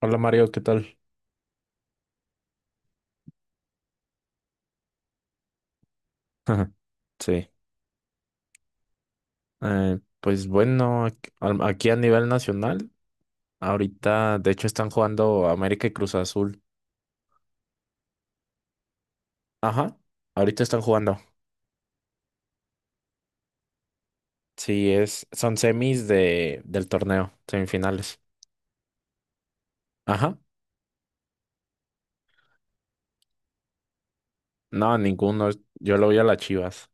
Hola Mario, ¿qué tal? Ajá. Sí, pues bueno, aquí a nivel nacional, ahorita de hecho están jugando América y Cruz Azul. Ajá, ahorita están jugando. Sí, son semis del torneo, semifinales. Ajá, no, ninguno, yo lo voy a las Chivas.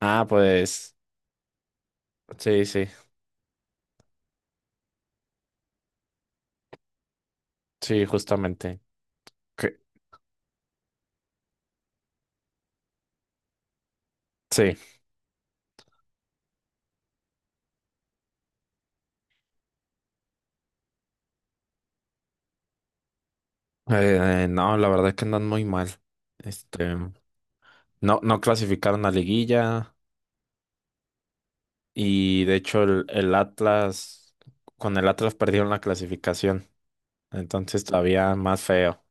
Ah, pues, sí, sí, sí, justamente. Que- Sí, eh, no, la verdad es que andan muy mal. Este, no, no clasificaron a liguilla. Y de hecho el Atlas, con el Atlas perdieron la clasificación. Entonces todavía más feo.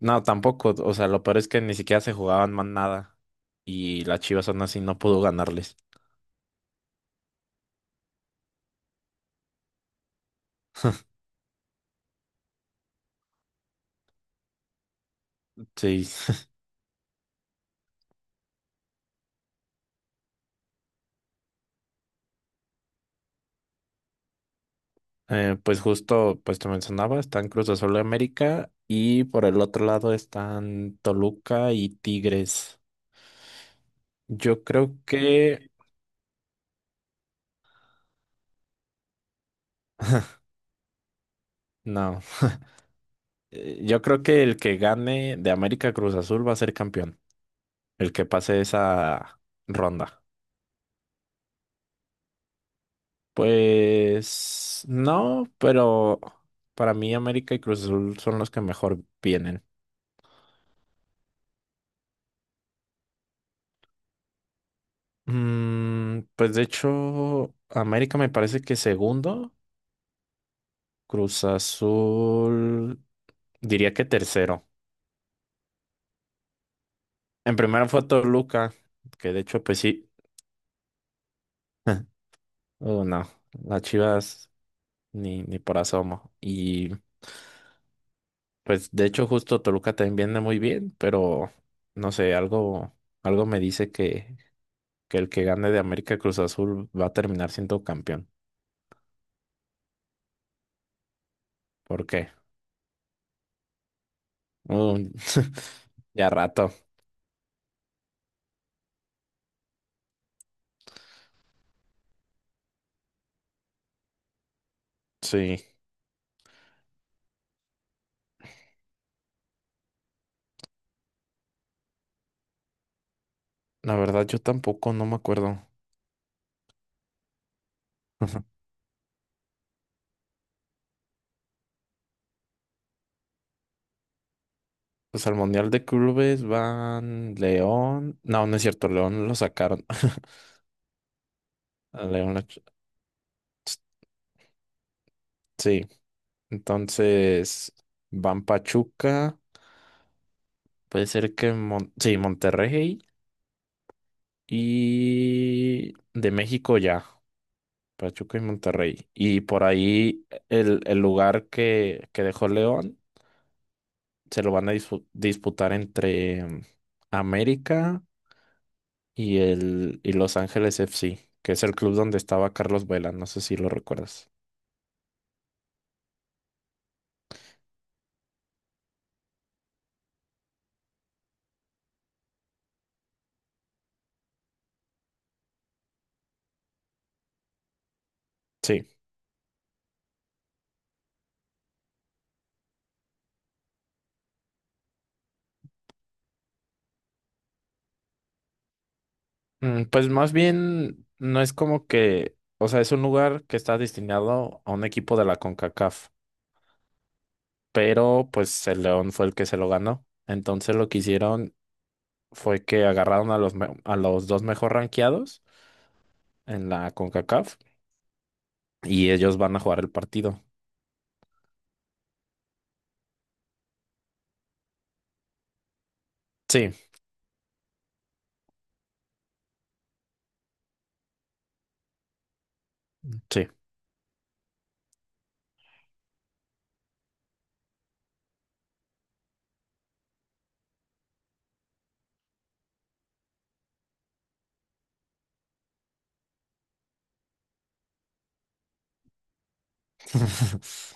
No, tampoco. O sea, lo peor es que ni siquiera se jugaban más nada. Y las Chivas aún así no pudo ganarles. Sí. Pues justo, pues te mencionaba, están Cruz Azul de América y por el otro lado están Toluca y Tigres. Yo creo que, no, Yo creo que el que gane de América Cruz Azul va a ser campeón, el que pase esa ronda. Pues no, pero para mí América y Cruz Azul son los que mejor vienen. Pues de hecho, América me parece que segundo, Cruz Azul diría que tercero. En primero fue Toluca, que de hecho pues sí. Oh, no, las Chivas ni por asomo. Pues de hecho justo Toluca también viene muy bien, pero no sé, algo me dice que el que gane de América Cruz Azul va a terminar siendo campeón. ¿Por qué? Un- ya rato. Sí, la verdad yo tampoco, no me acuerdo. Pues al Mundial de Clubes van León. No, no es cierto, León lo sacaron. A León lo ch- Sí, entonces van Pachuca, puede ser que sí, Monterrey. Y de México ya, Pachuca y Monterrey. Y por ahí el lugar que dejó León se lo van a disputar entre América y Los Ángeles FC, que es el club donde estaba Carlos Vela, no sé si lo recuerdas. Sí. Pues más bien no es como que, o sea, es un lugar que está destinado a un equipo de la CONCACAF, pero pues el León fue el que se lo ganó. Entonces lo quisieron, fue que agarraron a a los dos mejor rankeados en la CONCACAF y ellos van a jugar el partido. Sí, sí.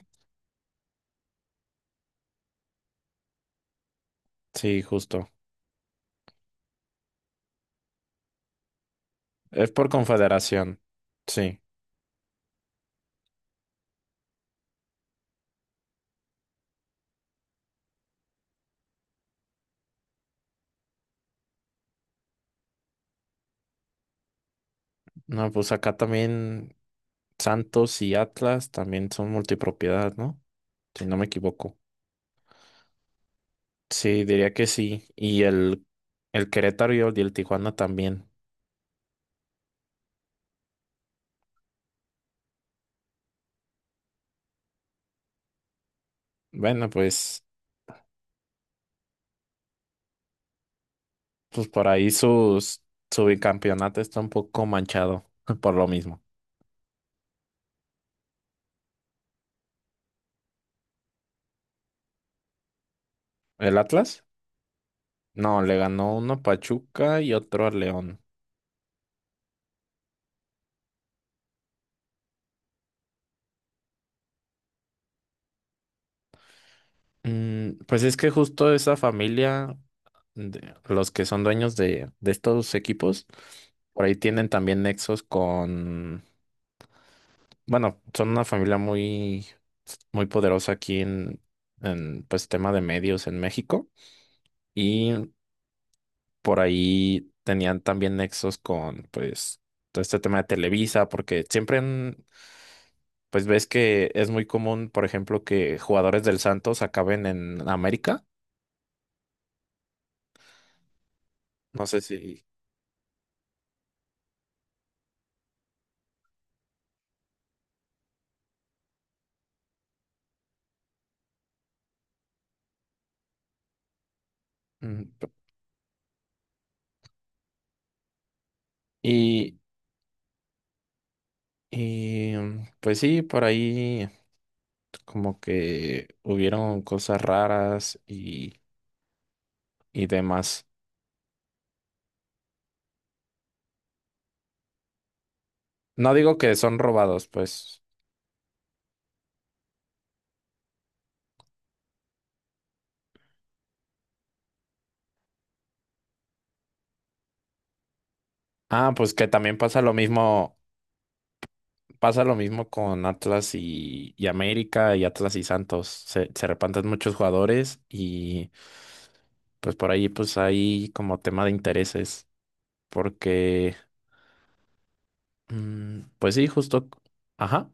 Sí, justo. Es por confederación. Sí. No, pues acá también Santos y Atlas también son multipropiedad, ¿no? Si no me equivoco. Sí, diría que sí. Y el Querétaro y el Tijuana también. Bueno, pues, pues por ahí su bicampeonato está un poco manchado por lo mismo. ¿El Atlas? No, le ganó uno a Pachuca y otro a León. Pues es que justo esa familia, de- los que son dueños de estos equipos, por ahí tienen también nexos con, bueno, son una familia muy, muy poderosa aquí en pues tema de medios en México y por ahí tenían también nexos con, pues, todo este tema de Televisa, porque siempre han, pues ves que es muy común, por ejemplo, que jugadores del Santos acaben en América. No sé si... mm, p- Y, pues sí, por ahí como que hubieron cosas raras y demás. No digo que son robados, pues. Ah, pues que también pasa lo mismo con Atlas y América y Atlas y Santos. Se repantan muchos jugadores y pues por ahí pues hay como tema de intereses porque pues sí, justo, ajá.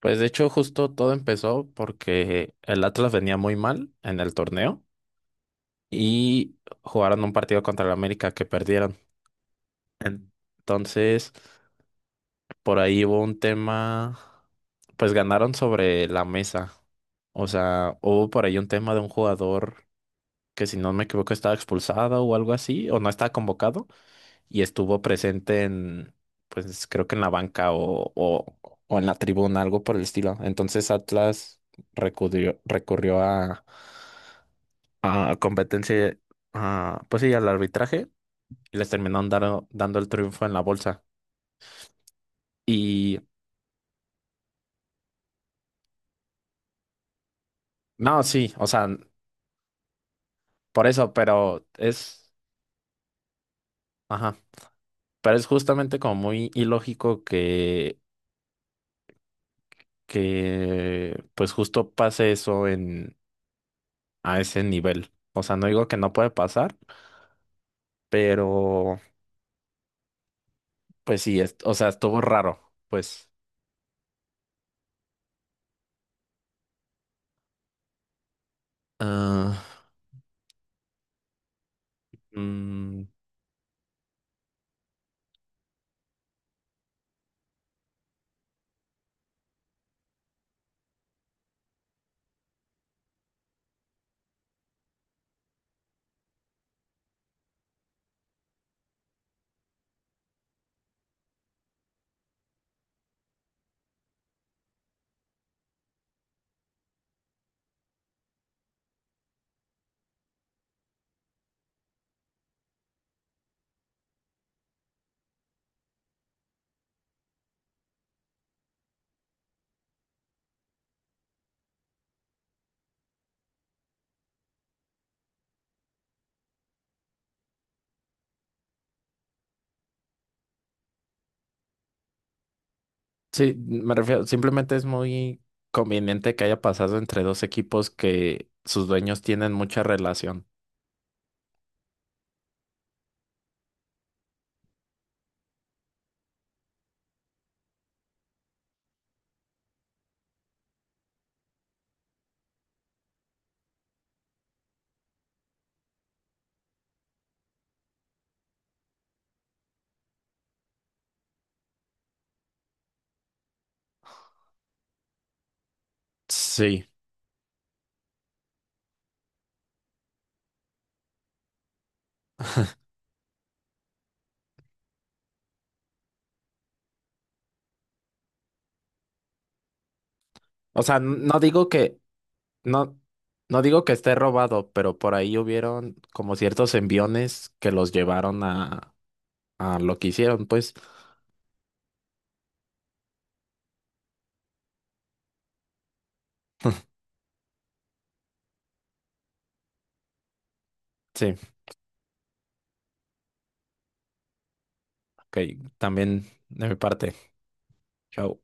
Pues de hecho, justo todo empezó porque el Atlas venía muy mal en el torneo y jugaron un partido contra el América que perdieron. En- Entonces, por ahí hubo un tema, pues ganaron sobre la mesa. O sea, hubo por ahí un tema de un jugador que si no me equivoco estaba expulsado o algo así, o no estaba convocado, y estuvo presente pues creo que en la banca o en la tribuna, algo por el estilo. Entonces Atlas recurrió a competencia, a, pues sí, al arbitraje y les terminaron dando el triunfo en la bolsa. Y no, sí, o sea, por eso, pero es, ajá, pero es justamente como muy ilógico que pues justo pase eso a ese nivel. O sea, no digo que no puede pasar. Pero, pues sí, es, o sea, estuvo raro, pues. Ah, Mm, sí, me refiero, simplemente es muy conveniente que haya pasado entre dos equipos que sus dueños tienen mucha relación. Sí, o sea, no digo que, no, no digo que esté robado, pero por ahí hubieron como ciertos enviones que los llevaron a lo que hicieron, pues. Sí, ok, también de mi parte. Chao.